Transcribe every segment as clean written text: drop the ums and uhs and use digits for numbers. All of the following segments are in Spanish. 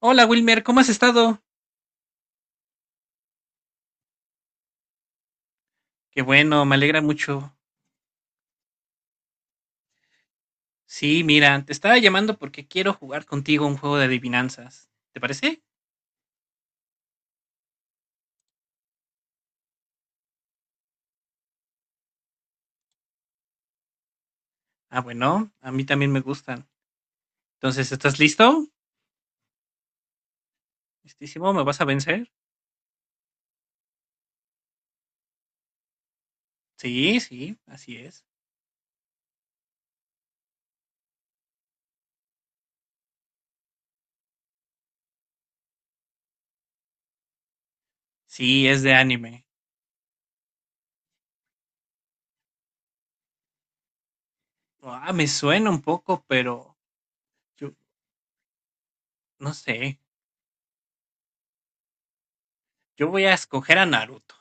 Hola Wilmer, ¿cómo has estado? Qué bueno, me alegra mucho. Sí, mira, te estaba llamando porque quiero jugar contigo un juego de adivinanzas. ¿Te parece? Ah, bueno, a mí también me gustan. Entonces, ¿estás listo? ¿Listísimo? ¿Me vas a vencer? Sí, sí, así es. Sí, es de anime. Ah, me suena un poco, pero yo no sé. Yo voy a escoger a Naruto.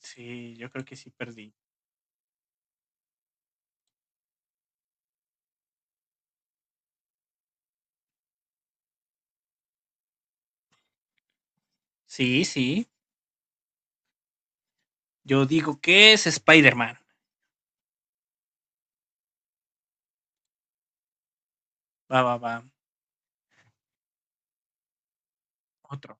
Sí, yo creo que sí perdí. Sí, sí. Yo digo que es Spider-Man. Va, va, va. Otro.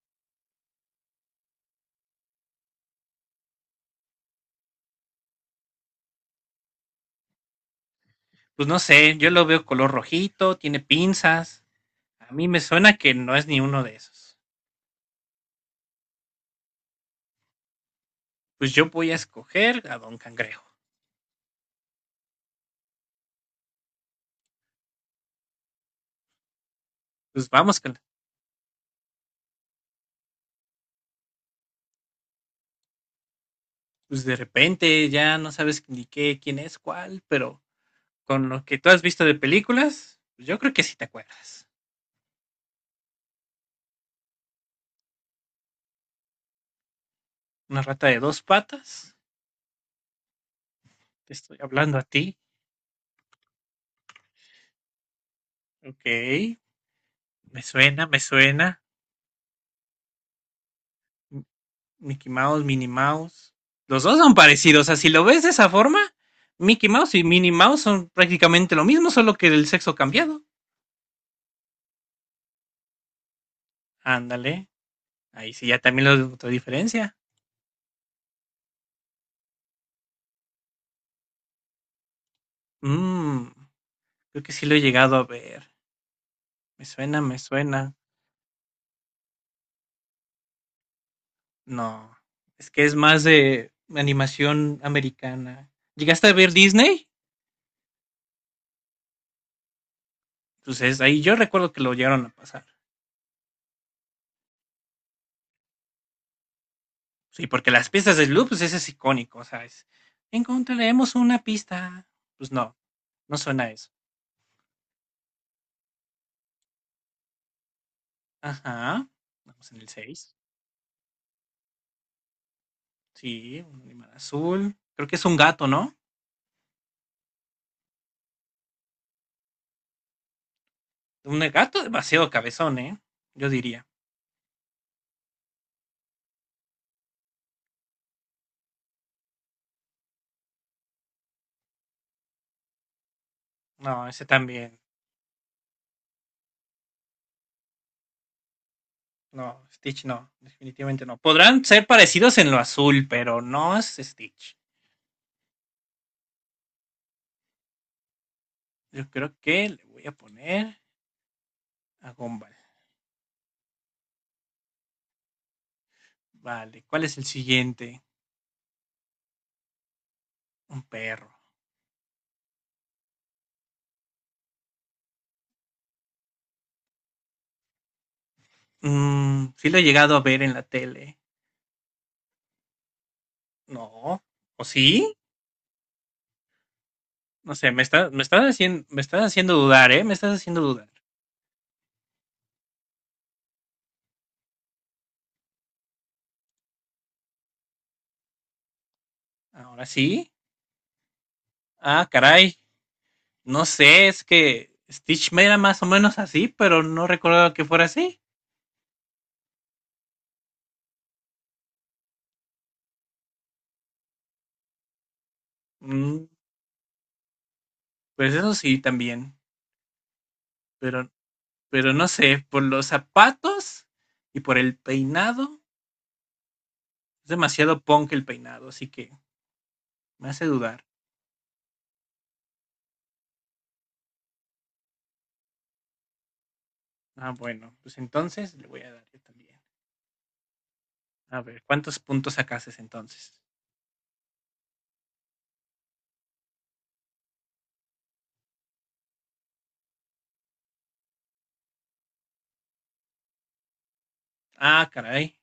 Pues no sé, yo lo veo color rojito, tiene pinzas. A mí me suena que no es ni uno de esos. Pues yo voy a escoger a Don Cangrejo. Pues vamos con, pues de repente ya no sabes ni qué, quién es cuál, pero con lo que tú has visto de películas, pues yo creo que sí te acuerdas. Una rata de dos patas, te estoy hablando a ti. Ok, me suena, me suena. Mickey Mouse, Minnie Mouse. Los dos son parecidos. O sea, si lo ves de esa forma, Mickey Mouse y Minnie Mouse son prácticamente lo mismo, solo que el sexo cambiado. Ándale. Ahí sí, ya también lo otra diferencia. Mmm, creo que sí lo he llegado a ver. Me suena, me suena. No. Es que es más de animación americana. ¿Llegaste a ver Disney? Entonces ahí yo recuerdo que lo llegaron a pasar. Sí, porque las pistas de Sloop, pues ese es icónico, o sea, es, encontraremos una pista. Pues no, no suena a eso. Ajá, vamos en el 6. Sí, un animal azul. Creo que es un gato, ¿no? Un gato demasiado cabezón, ¿eh? Yo diría. No, ese también. No, Stitch no, definitivamente no. Podrán ser parecidos en lo azul, pero no es Stitch. Yo creo que le voy a poner a Gumball. Vale, ¿cuál es el siguiente? Un perro. Sí lo he llegado a ver en la tele. No, ¿o sí? No sé, me estás haciendo dudar, ¿eh? Me estás haciendo dudar. Ahora sí. Ah, caray. No sé, es que Stitch me era más o menos así, pero no recordaba que fuera así. Mm, pues eso sí, también. Pero, pero no sé, por los zapatos y por el peinado, es demasiado punk el peinado, así que me hace dudar. Ah, bueno, pues entonces le voy a dar yo también. A ver, ¿cuántos puntos sacaste entonces? Ah, caray.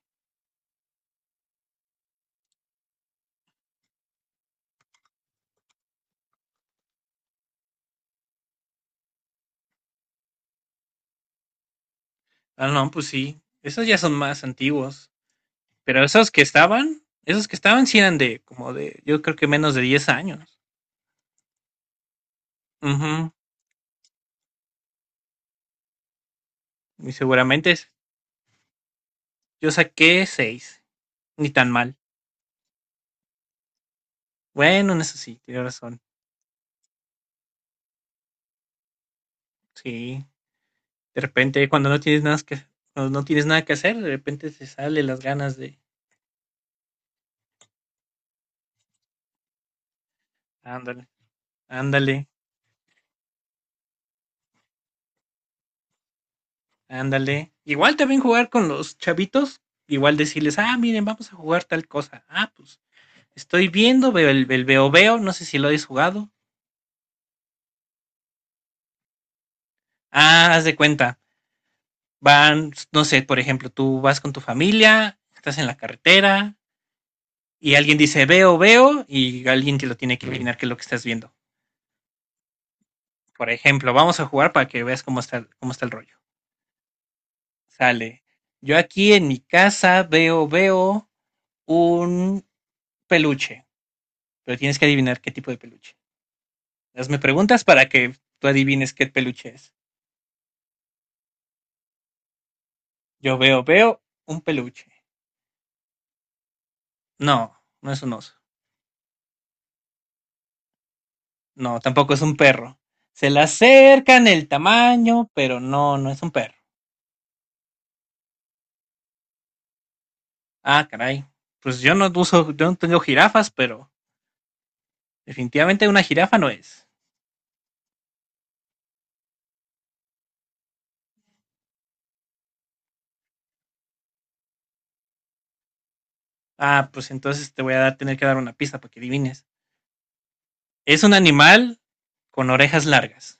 Ah, no, pues sí. Esos ya son más antiguos. Pero esos que estaban sí eran de como de, yo creo que menos de 10 años. Ujú. Y seguramente es- yo saqué seis. Ni tan mal. Bueno, en eso sí, tienes razón. Sí. De repente, cuando no tienes nada que, hacer, de repente te salen las ganas de, ándale, ándale, ándale. Igual también jugar con los chavitos, igual decirles, ah, miren, vamos a jugar tal cosa. Ah, pues estoy viendo, veo el veo veo, no sé si lo habéis jugado. Ah, haz de cuenta. Van, no sé, por ejemplo, tú vas con tu familia, estás en la carretera y alguien dice veo veo y alguien te lo tiene que adivinar qué es lo que estás viendo. Por ejemplo, vamos a jugar para que veas cómo está el rollo. Sale. Yo aquí en mi casa veo, veo un peluche, pero tienes que adivinar qué tipo de peluche. Hazme preguntas para que tú adivines qué peluche es. Yo veo, veo un peluche. No, no es un oso. No, tampoco es un perro. Se le acerca en el tamaño, pero no, no es un perro. Ah, caray. Pues yo no uso, yo no tengo jirafas, pero definitivamente una jirafa no es. Ah, pues entonces te voy a dar, tener que dar una pista para que adivines. Es un animal con orejas largas.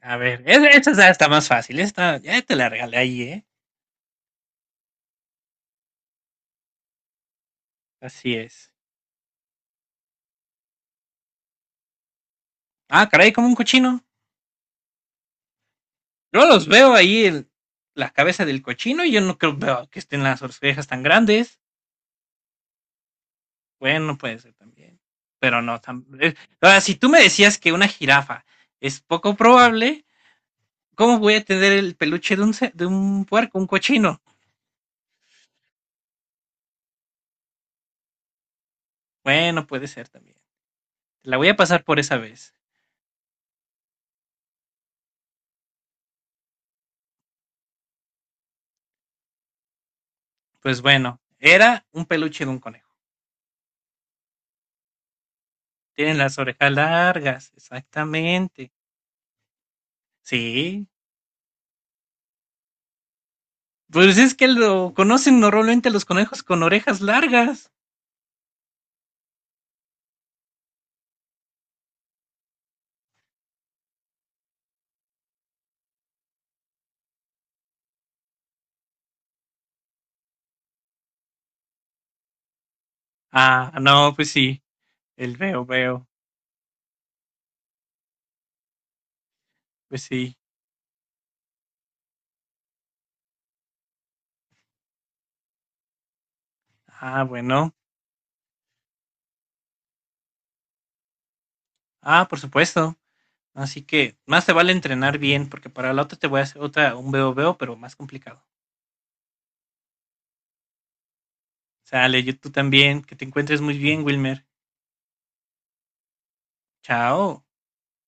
A ver, esta está más fácil. Esta ya te la regalé ahí, ¿eh? Así es. Ah, caray, como un cochino. Yo los veo ahí, la cabeza del cochino, y yo no creo veo que estén las orejas tan grandes. Bueno, puede ser también. Pero no, ahora, si tú me decías que una jirafa es poco probable, ¿cómo voy a tener el peluche de un, de un puerco, un cochino? Bueno, puede ser también. La voy a pasar por esa vez. Pues bueno, era un peluche de un conejo. Tienen las orejas largas, exactamente. Sí. Pues es que lo conocen normalmente los conejos con orejas largas. Ah, no, pues sí. El veo, veo. Pues sí. Ah, bueno. Ah, por supuesto. Así que más te vale entrenar bien, porque para la otra te voy a hacer otra, un veo veo, pero más complicado. Sale, yo tú también, que te encuentres muy bien, Wilmer. Chao.